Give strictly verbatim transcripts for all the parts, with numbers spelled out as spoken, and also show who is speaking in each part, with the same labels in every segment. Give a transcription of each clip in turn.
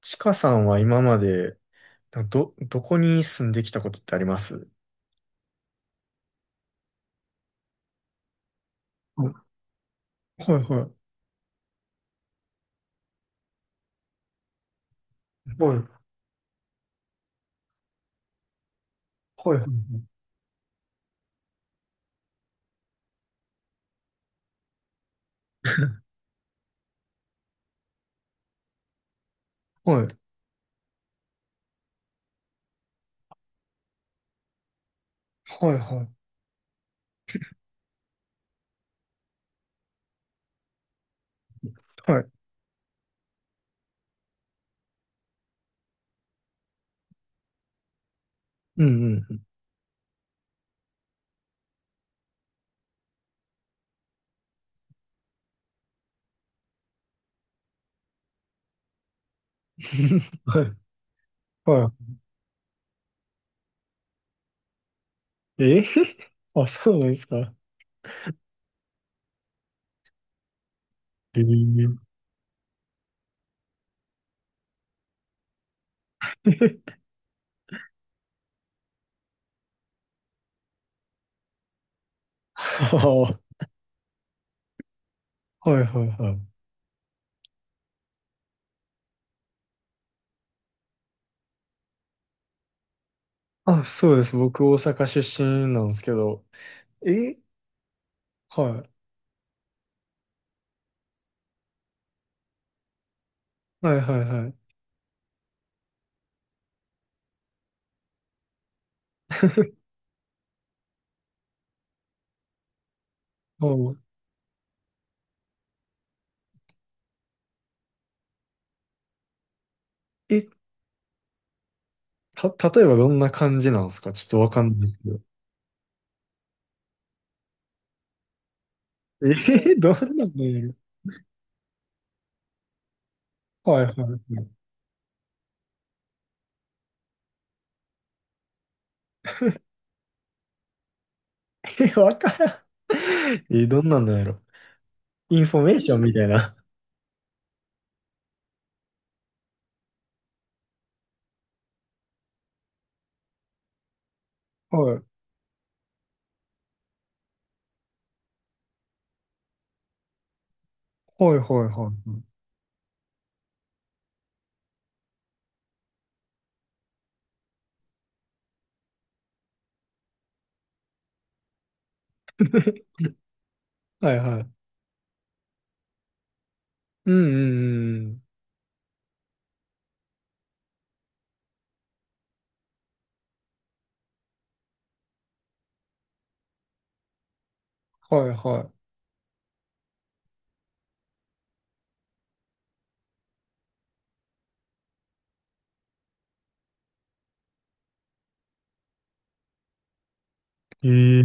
Speaker 1: ちかさんは今まで、など、どこに住んできたことってあります？はい、はい、はい、はい、はい、はい、はい、はい、はい、うん、うん。はい、はい、えー、あ、そうなんですか。えー はあはい、はい、はい、あ、そうです。僕、大阪出身なんですけど。え、はい、はい、はい、はい、おうえ、た、例えばどんな感じなんですか？ちょっとわかんないですけど。えー、どんなのやる。はいはいはい。え、わからん。え、どんなんなんやろ。インフォメーションみたいな。はい。はいはいはい。はい はい。うんうんうん。はいはい。え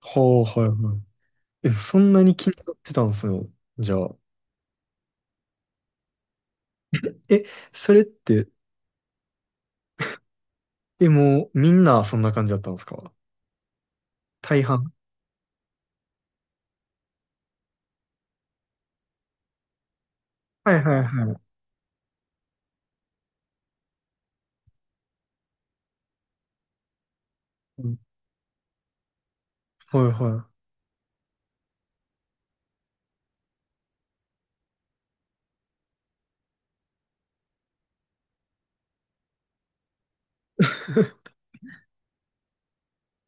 Speaker 1: ははいはい。え、そんなに気になってたんですよ。じゃあ。え、それって、え、もうみんなそんな感じだったんですか？大半。はいはいはい。うん。はいは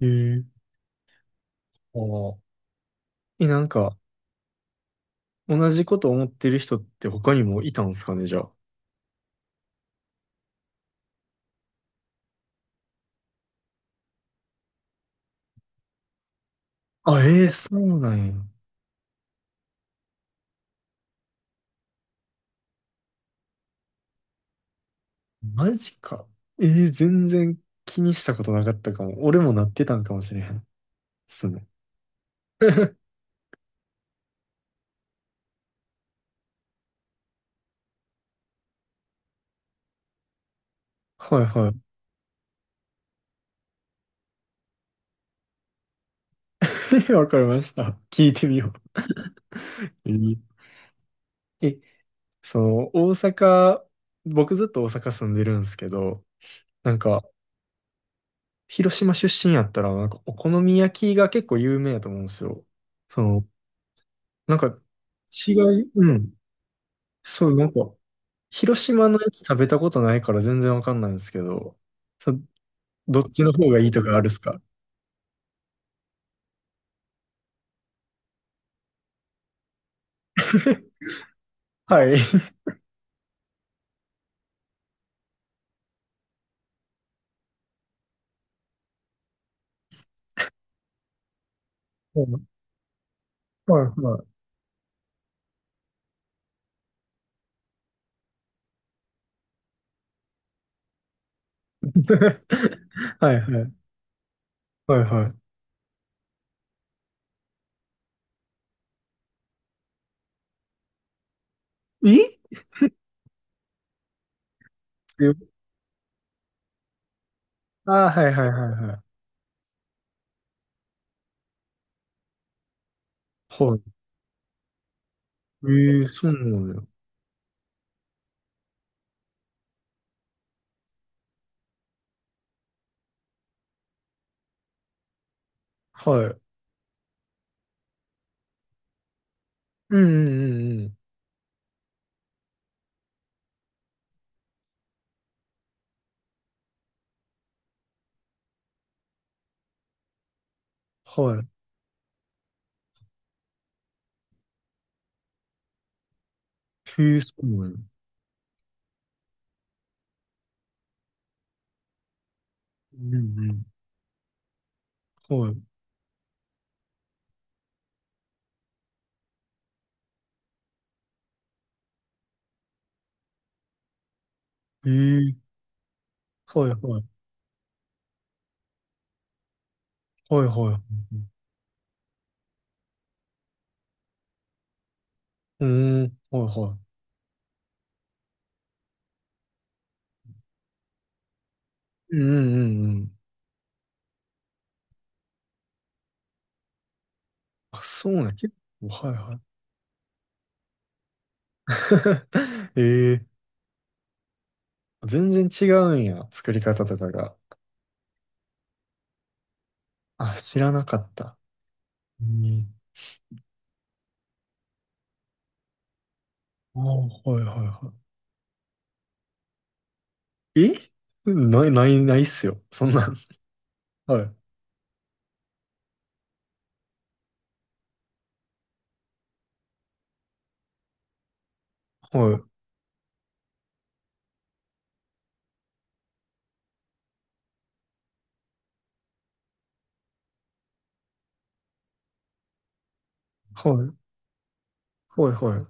Speaker 1: い。ええ。ああ。え、なんか、同じこと思ってる人って他にもいたんですかね、じゃあ。あ、ええそうなんや。マジか。えー、全然気にしたことなかったかも。俺もなってたんかもしれへん。すね。はいはい。わかりました。聞いてみよう。えーえその、大阪、僕ずっと大阪住んでるんですけど、なんか、広島出身やったら、なんか、お好み焼きが結構有名やと思うんですよ。その、なんか、違い、うん。そう、なんか、広島のやつ食べたことないから全然わかんないんですけど、そどっちの方がいいとかあるっすか？はい。うん。はいはい。はいはい。はいはい。え強。ああー、はいはいはいはい。はい。ええーそうなんだよ。はい。うんうんうんうん。はい。ええー、そうなんだよ。うんうん。はい。ええー。はいはい。はいはい。うん、はいはい。うんうんうんうん。あ、そうなん結構、はいはい。ええー。全然違うんや。作り方とかが。あ、知らなかった。うん。ああ、はいはいはい。え、ない、ない、ないっすよ。そんなん。はい。はい。はい。はい。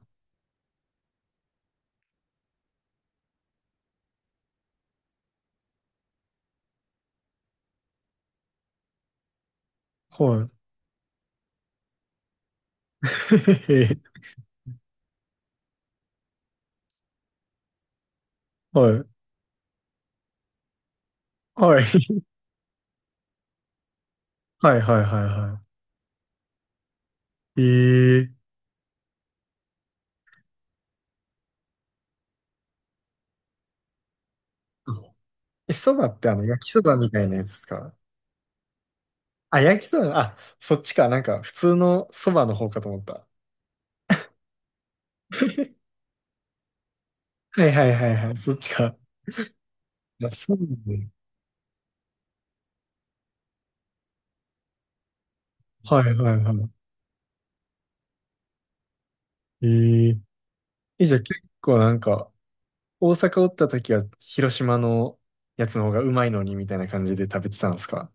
Speaker 1: はい。はい。へへへ。はい。はい。はい。はい。はいはい。ええ。え、そばってあの、焼きそばみたいなやつですか？あ、焼きそば、あ、そっちか。なんか、普通のそばの方かと思った。はいはいはいはい。そっちか。いや、そうな。はいはいはい。ええ。え、じゃあ結構なんか、大阪おった時は広島のやつの方がうまいのにみたいな感じで食べてたんですか？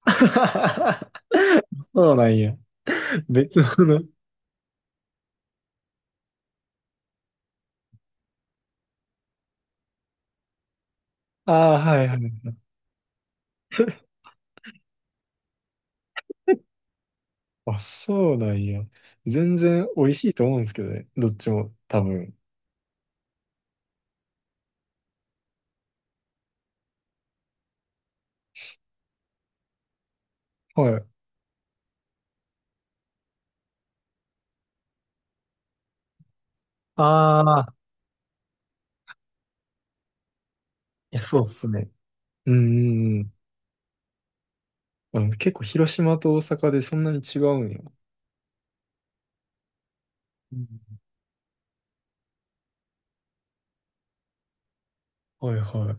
Speaker 1: そうなんや。別物。ああ、はいはい。あ、そうなんや。全然美味しいと思うんですけどね。どっちも、多分。はい。ああ、えそうっすね。うんうんうん。あの、結構広島と大阪でそんなに違うんや。うん。はいは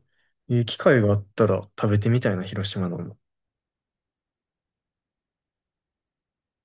Speaker 1: い。えー機会があったら食べてみたいな、広島のも。